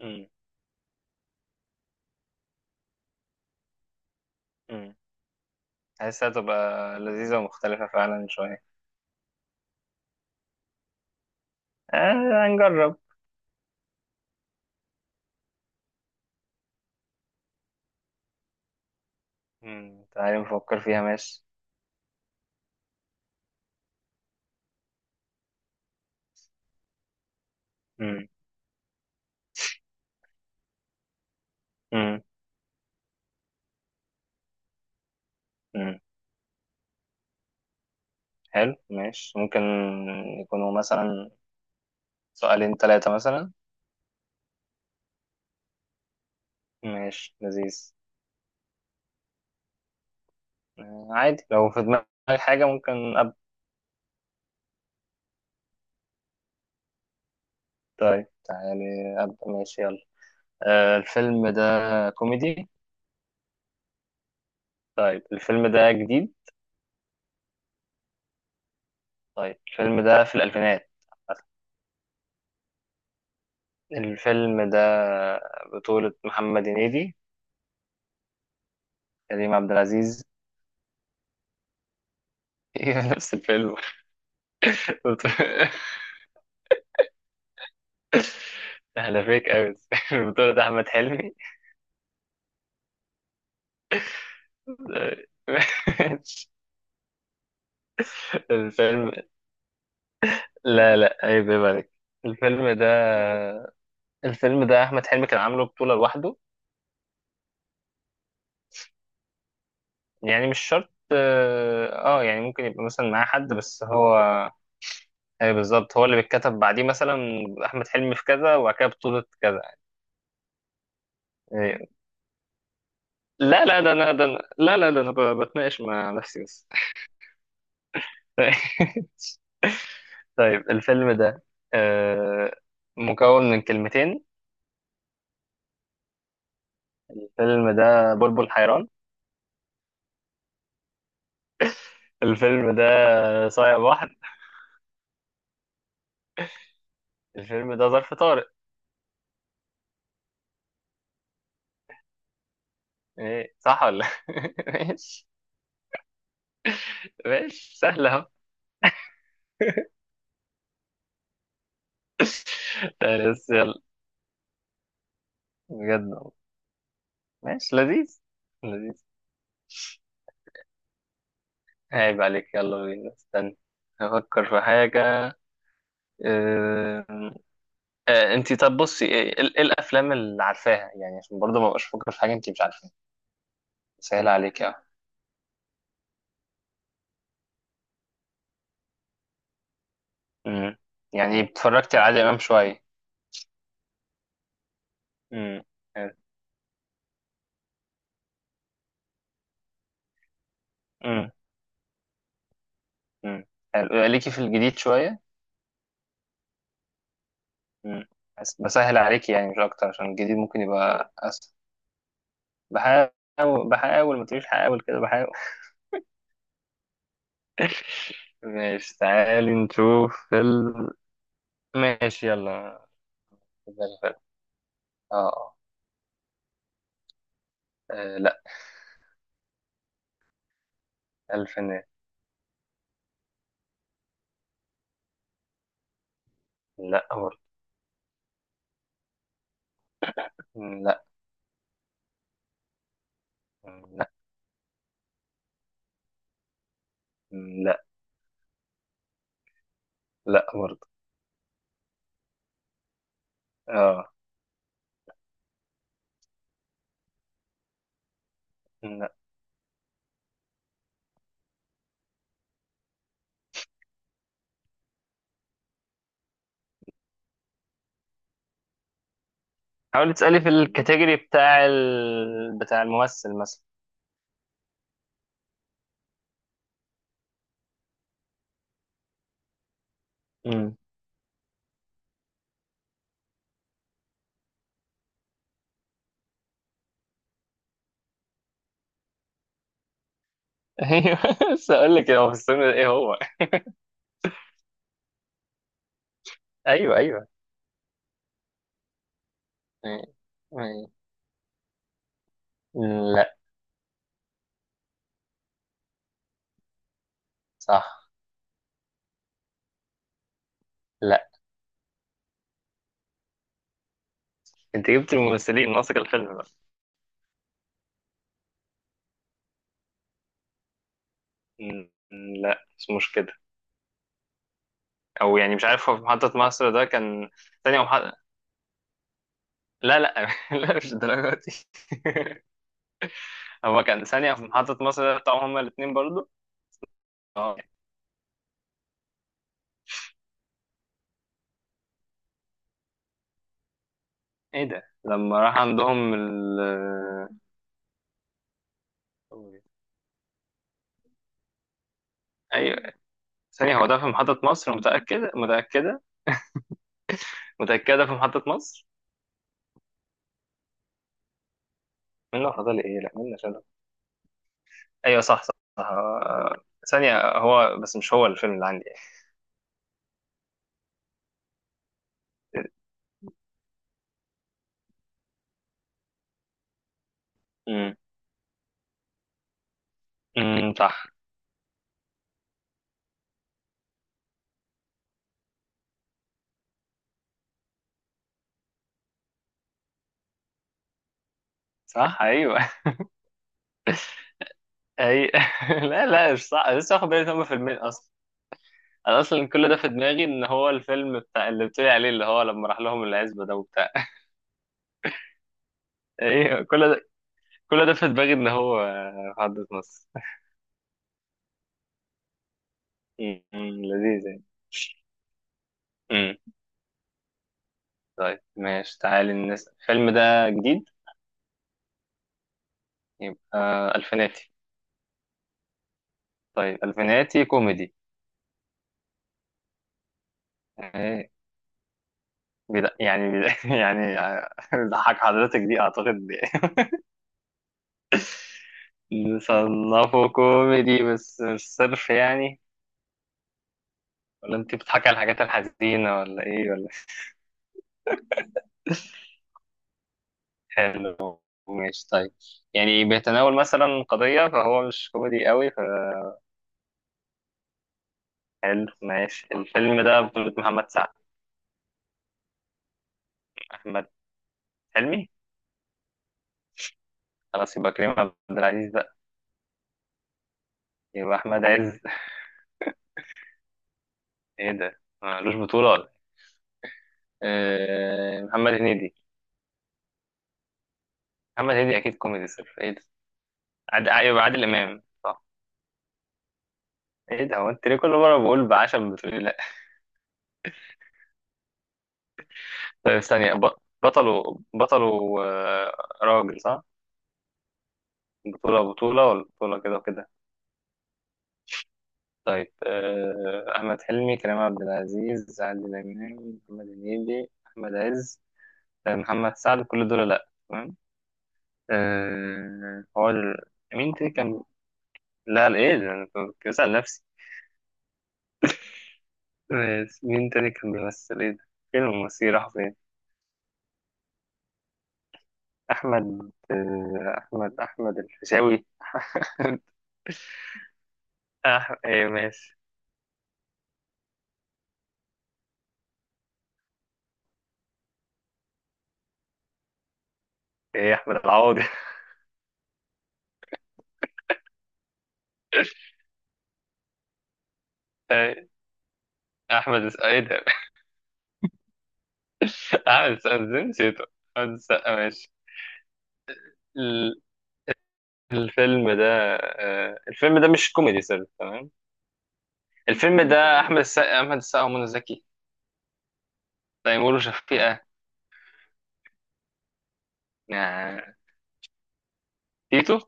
امم امم حاسسها تبقى لذيذة ومختلفة فعلا شوية. هنجرب. تعالي نفكر فيها، ماشي. امم امم امم حلو، ماشي، ممكن يكونوا مثلا سؤالين، ثلاثة مثلا. ماشي، لذيذ. عادي، لو في دماغي حاجة ممكن أبدأ. طيب تعالي أبدأ، ماشي، يلا. الفيلم ده كوميدي؟ طيب الفيلم ده جديد؟ طيب الفيلم ده في الألفينات؟ الفيلم ده بطولة محمد هنيدي؟ كريم عبد العزيز؟ هي نفس الفيلم؟ احنا فيك قوي. البطولة ده احمد حلمي. الفيلم، لا لا عيب يا بالك. الفيلم ده احمد حلمي كان عامله بطولة لوحده. يعني مش شرط، اه، يعني ممكن يبقى مثلا معاه حد بس هو. اي بالظبط، هو اللي بيتكتب بعديه مثلا، احمد حلمي في كذا وبعد كده بطولة كذا. إيه. لا لا، ده انا ده أنا- لا لا ده انا ب- بتناقش مع نفسي بس. طيب الفيلم ده آه، مكون من كلمتين. الفيلم ده بلبل حيران؟ الفيلم ده صايع بحر؟ الفيلم ده ظرف طارق؟ ايه صح ولا؟ ماشي. ماشي سهل اهو. طيب، بس يلا. بجد والله. ماشي، لذيذ. لذيذ. عيب عليك، يلا بينا استنى افكر في حاجة. أه... انت، طب بصي، ايه، إيه الافلام اللي عارفاها يعني عشان برضه ما بقاش افكر في حاجة انت مش عارفاها. سهل عليك. مم. يعني اتفرجت على عادل إمام شوية؟ مم. حلو. مم. مم. حلو. ليكي في الجديد شوية؟ مم. بس بسهل عليكي يعني مش أكتر عشان الجديد ممكن يبقى أسهل. بحاول، بحاول، ما تقوليش حاول كده، بحاول. ماشي تعالي نشوف فيلم. ماشي يلا. فيلم. فيلم. اه آه. آه، لا. الفينات. لا برضه. لا. لا. لا. لا برضه. اه. لا. حاولي تسألي في الكاتيجوري بتاع الممثل مثلا. ايوه. بس اقول لك هو في السن ده ايه هو. ايوه ايوه. يعني- يعني- لا. صح. لا. انت جبت الممثلين ناقصك الفيلم بقى. م- لا مش كده. او يعني مش عارف هو في محطة مصر ده كان ثانية ومحطة. لا لا، لا مش الدرجة دي. هو كان ثانية في محطة مصر ده بتاعهم هما الاتنين برضو. اه. ايه ده لما راح عندهم ايوه. ثانية، هو ده في محطة مصر، متأكدة متأكدة. متأكدة في محطة مصر. منه فاضل ايه، لا منه. ايوه صح صح، صح. ثانية هو بس مش هو الفيلم اللي عندي. امم صح. صح ايوه. اي. لا لا مش صح، أنا لسه واخد بالي إن هما فيلمين اصلا. انا اصلا كل ده في دماغي ان هو الفيلم بتاع اللي بتقولي عليه اللي هو لما راح لهم العزبة ده وبتاع. ايوه كل ده، في دماغي ان هو في حدث مصر. أمم، لذيذ يعني. امم. طيب ماشي تعالي الناس، الفيلم ده جديد؟ يبقى، الفيناتي. طيب الفيناتي كوميدي؟ بلا يعني بلا يعني ضحك حضرتك دي اعتقد. نصنفه كوميدي بس مش صرف يعني. ولا انت بتضحكي على الحاجات الحزينة ولا ايه ولا؟ حلو. ماشي، طيب. يعني بيتناول مثلا قضية فهو مش كوميدي قوي. فحلو ماشي، الفيلم ده بطولة محمد سعد؟ أحمد حلمي؟ خلاص يبقى كريم عبد العزيز بقى؟ يبقى أحمد عز؟ ايه ده ملوش بطولة ولا إيه؟ محمد هنيدي؟ محمد هنيدي أكيد كوميدي صرف، ايه ده؟ ايوه عادل امام صح؟ ايه ده، هو انت ليه كل مره بقول بعشم بتقولي لا؟ طيب ثانيه، بطل بطل راجل صح؟ بطوله، بطوله ولا بطوله كده وكده؟ طيب احمد حلمي كريم عبد العزيز عادل امام محمد هنيدي احمد عز، محمد سعد، كل دول لا تمام؟ آه، هو ال- مين تاني كان. لا لا، ايه ده انا كنت بسأل نفسي. مين تاني كان بيمثل ايه ده، فيلم مصير راح فين. احمد آه، احمد احمد الفيشاوي. ايه ماشي. ايه احمد العوضي. إيه، ايه ده. احمد السقا، ازاي نسيته. احمد السقا، ماشي. ال- الفيلم ده الفيلم ده مش كوميدي سر، تمام؟ الفيلم ده احمد السقا، ومنى زكي. تيمور وشفيقة، يعني. تيتو.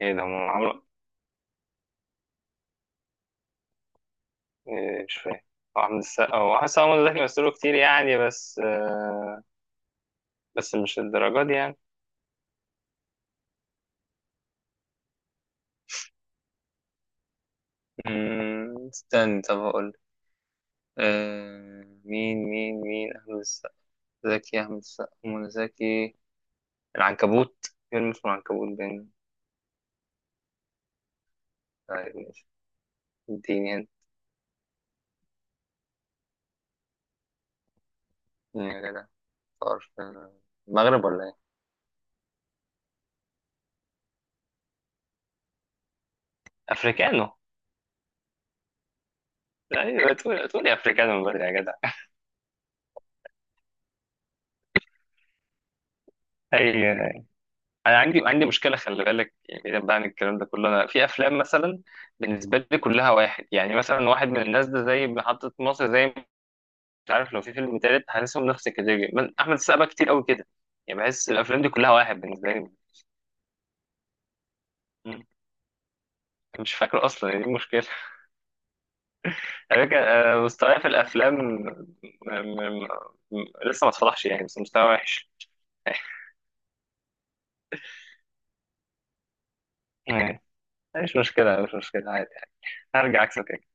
ايه ده هم عمرو. إيه، مش فاهم. هو احمد السقا ومنى زكي مثلوا كتير يعني، بس مش الدرجات دي يعني. استنى طب هقول. مين مين مين أحمد السقا. زكي، أحمد السقا، منى زكي، العنكبوت، فيلم اسمه العنكبوت بين. طيب ماشي. اديني. هنا يا جدع. طار في المغرب ولا إيه؟ أفريكانو. أيوة، تقولي أفريكانو من بدري يا جدع. أي. أنا عندي مشكلة، خلي بالك يعني، بعيدا بقى عن الكلام ده كله، أنا في أفلام مثلا بالنسبة لي كلها واحد، يعني مثلا واحد من الناس ده زي محطة مصر، زي مش عارف، لو في فيلم تالت هحسهم نفس الكاتيجوري أحمد السقا بقى كتير قوي كده، يعني بحس الافلام دي كلها واحد بالنسبه لي. مم. مش فاكره اصلا ايه المشكله. على فكره مستواي في الافلام، م- لسه ما اتفضحش يعني، بس مستوى وحش. مم. مش مشكله مش مشكله عادي. هرجع عكسك.